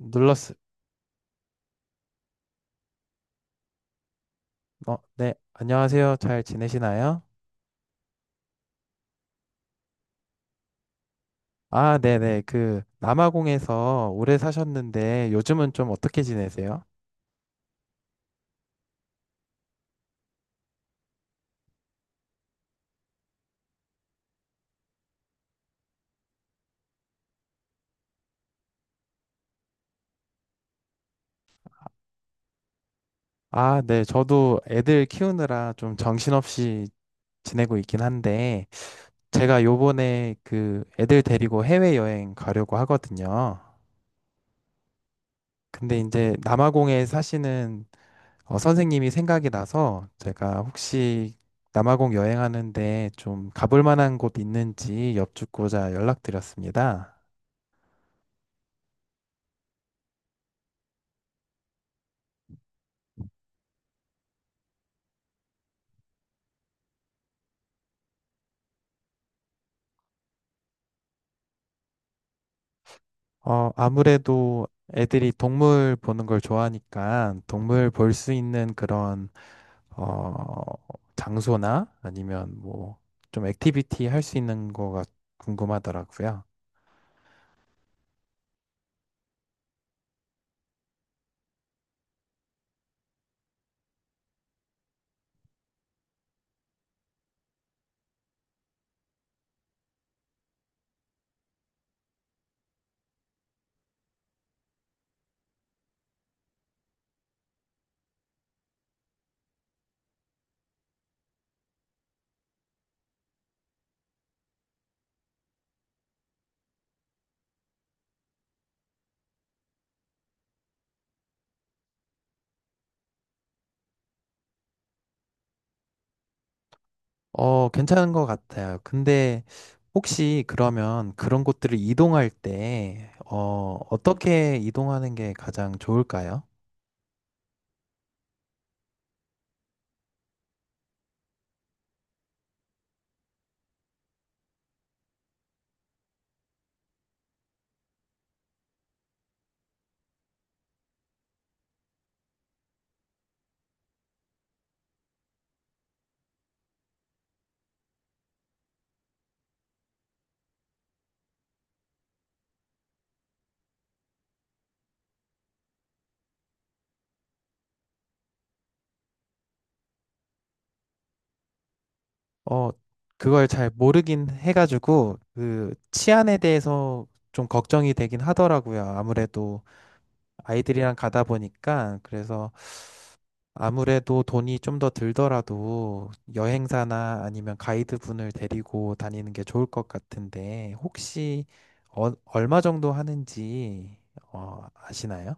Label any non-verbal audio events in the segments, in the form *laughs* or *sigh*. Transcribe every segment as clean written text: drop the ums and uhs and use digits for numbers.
눌렀어. 네, 안녕하세요. 잘 지내시나요? 아, 네네. 그, 남아공에서 오래 사셨는데 요즘은 좀 어떻게 지내세요? 아, 네. 저도 애들 키우느라 좀 정신없이 지내고 있긴 한데, 제가 요번에 그 애들 데리고 해외여행 가려고 하거든요. 근데 이제 남아공에 사시는 선생님이 생각이 나서 제가 혹시 남아공 여행하는데 좀 가볼 만한 곳 있는지 여쭙고자 연락드렸습니다. 어, 아무래도 애들이 동물 보는 걸 좋아하니까 동물 볼 수 있는 그런, 어, 장소나 아니면 뭐 좀 액티비티 할 수 있는 거가 궁금하더라고요. 어, 괜찮은 것 같아요. 근데 혹시 그러면 그런 곳들을 이동할 때, 어떻게 이동하는 게 가장 좋을까요? 어, 그걸 잘 모르긴 해가지고 그 치안에 대해서 좀 걱정이 되긴 하더라고요. 아무래도 아이들이랑 가다 보니까 그래서 아무래도 돈이 좀 더 들더라도 여행사나 아니면 가이드분을 데리고 다니는 게 좋을 것 같은데 혹시 얼마 정도 하는지 아시나요?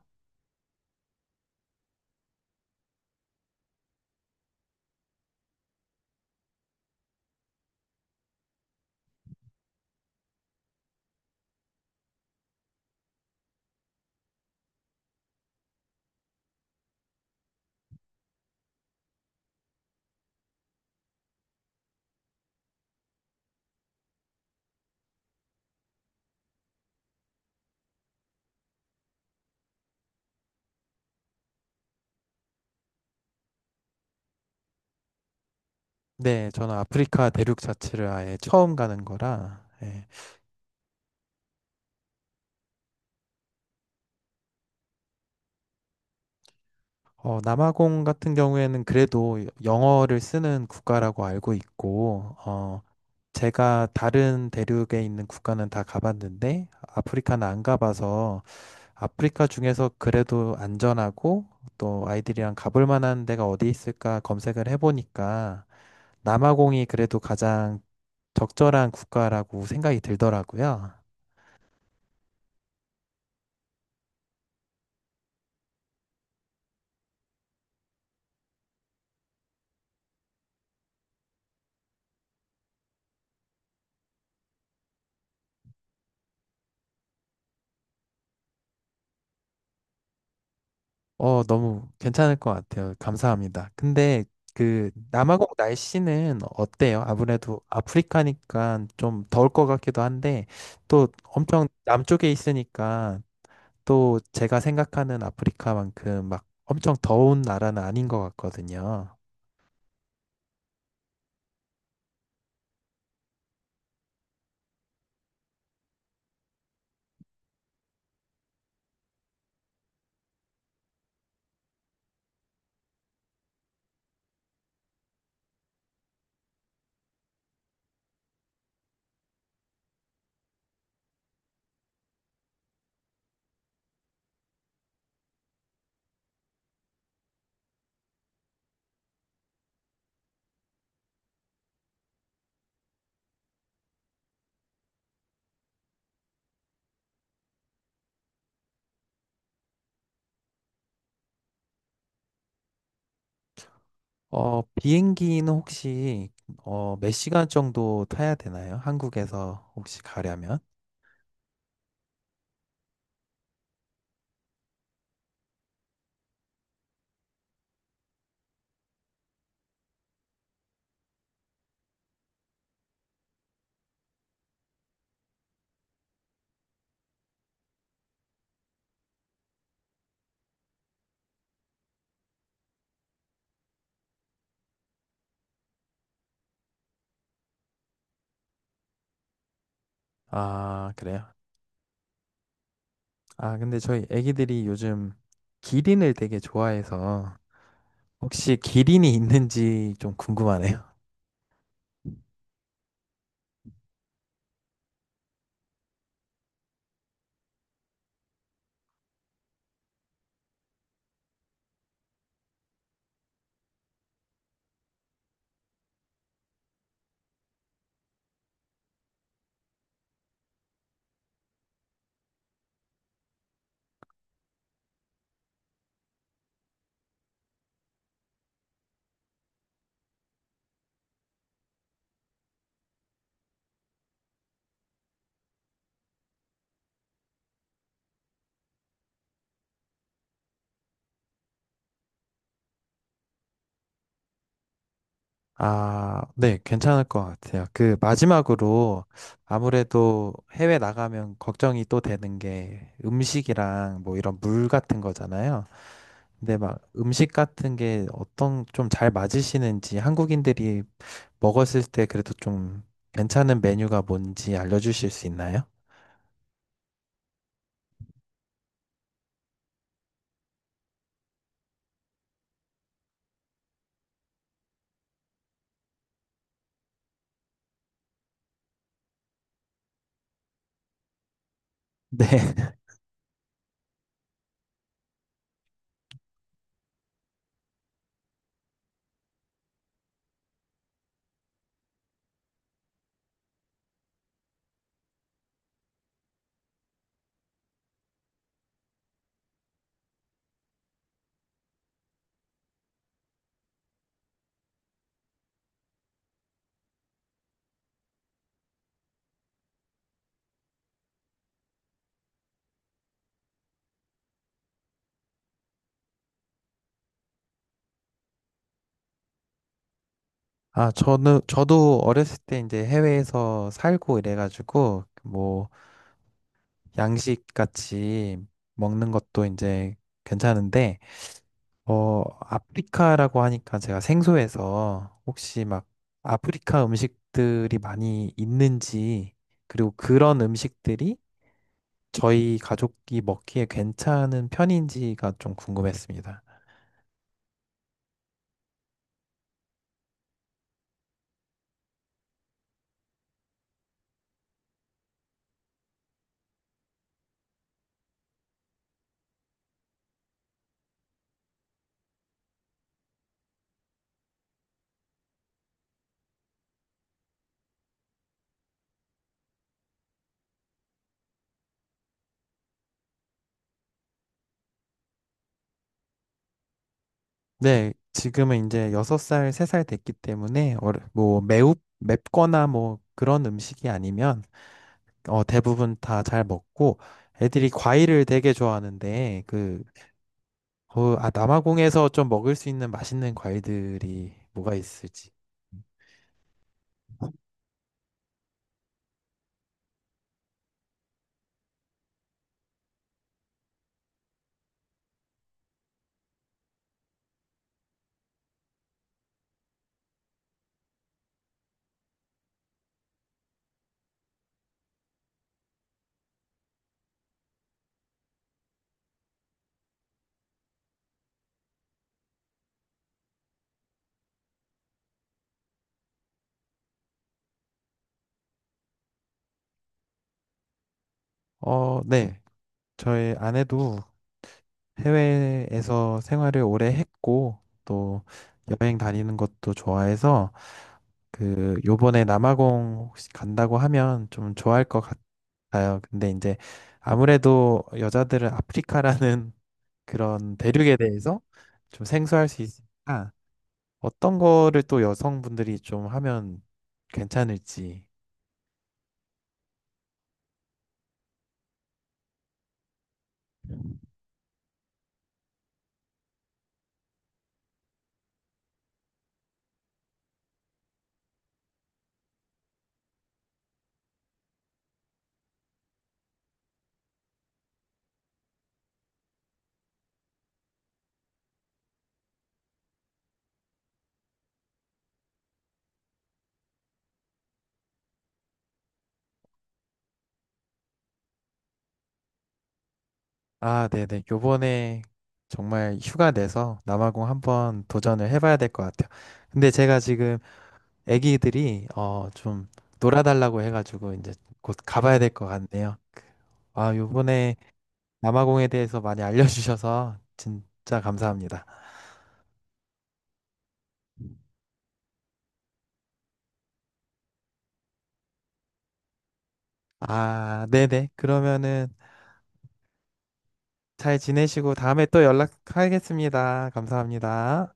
네, 저는 아프리카 대륙 자체를 아예 처음 가는 거라 예. 어, 남아공 같은 경우에는 그래도 영어를 쓰는 국가라고 알고 있고, 어, 제가 다른 대륙에 있는 국가는 다 가봤는데 아프리카는 안 가봐서 아프리카 중에서 그래도 안전하고 또 아이들이랑 가볼 만한 데가 어디 있을까 검색을 해보니까 남아공이 그래도 가장 적절한 국가라고 생각이 들더라고요. 어, 너무 괜찮을 것 같아요. 감사합니다. 근데 그 남아공 날씨는 어때요? 아무래도 아프리카니까 좀 더울 것 같기도 한데 또 엄청 남쪽에 있으니까 또 제가 생각하는 아프리카만큼 막 엄청 더운 나라는 아닌 것 같거든요. 어, 비행기는 혹시 몇 시간 정도 타야 되나요? 한국에서 혹시 가려면? 아, 그래요? 아, 근데 저희 애기들이 요즘 기린을 되게 좋아해서 혹시 기린이 있는지 좀 궁금하네요. 아, 네, 괜찮을 것 같아요. 그 마지막으로 아무래도 해외 나가면 걱정이 또 되는 게 음식이랑 뭐 이런 물 같은 거잖아요. 근데 막 음식 같은 게 어떤 좀 잘 맞으시는지 한국인들이 먹었을 때 그래도 좀 괜찮은 메뉴가 뭔지 알려주실 수 있나요? 네. *laughs* 저도 어렸을 때 이제 해외에서 살고 이래가지고 뭐 양식 같이 먹는 것도 이제 괜찮은데, 어, 아프리카라고 하니까 제가 생소해서 혹시 막 아프리카 음식들이 많이 있는지, 그리고 그런 음식들이 저희 가족이 먹기에 괜찮은 편인지가 좀 궁금했습니다. 네, 지금은 이제 6살, 3살 됐기 때문에 뭐 매우 맵거나 뭐 그런 음식이 아니면, 어, 대부분 다 잘 먹고 애들이 과일을 되게 좋아하는데, 그, 아, 남아공에서 좀 먹을 수 있는 맛있는 과일들이 뭐가 있을지. 어, 네. 저희 아내도 해외에서 생활을 오래 했고, 또 여행 다니는 것도 좋아해서, 그, 요번에 남아공 혹시 간다고 하면 좀 좋아할 것 같아요. 근데 이제 아무래도 여자들은 아프리카라는 *laughs* 그런 대륙에 대해서 좀 생소할 수 있으니까, 어떤 거를 또 여성분들이 좀 하면 괜찮을지. 아, 네네. 요번에 정말 휴가 내서 남아공 한번 도전을 해봐야 될 것 같아요. 근데 제가 지금 애기들이, 좀 놀아달라고 해가지고 이제 곧 가봐야 될 것 같네요. 아, 요번에 남아공에 대해서 많이 알려주셔서 진짜 감사합니다. 아, 네네. 그러면은 잘 지내시고 다음에 또 연락하겠습니다. 감사합니다.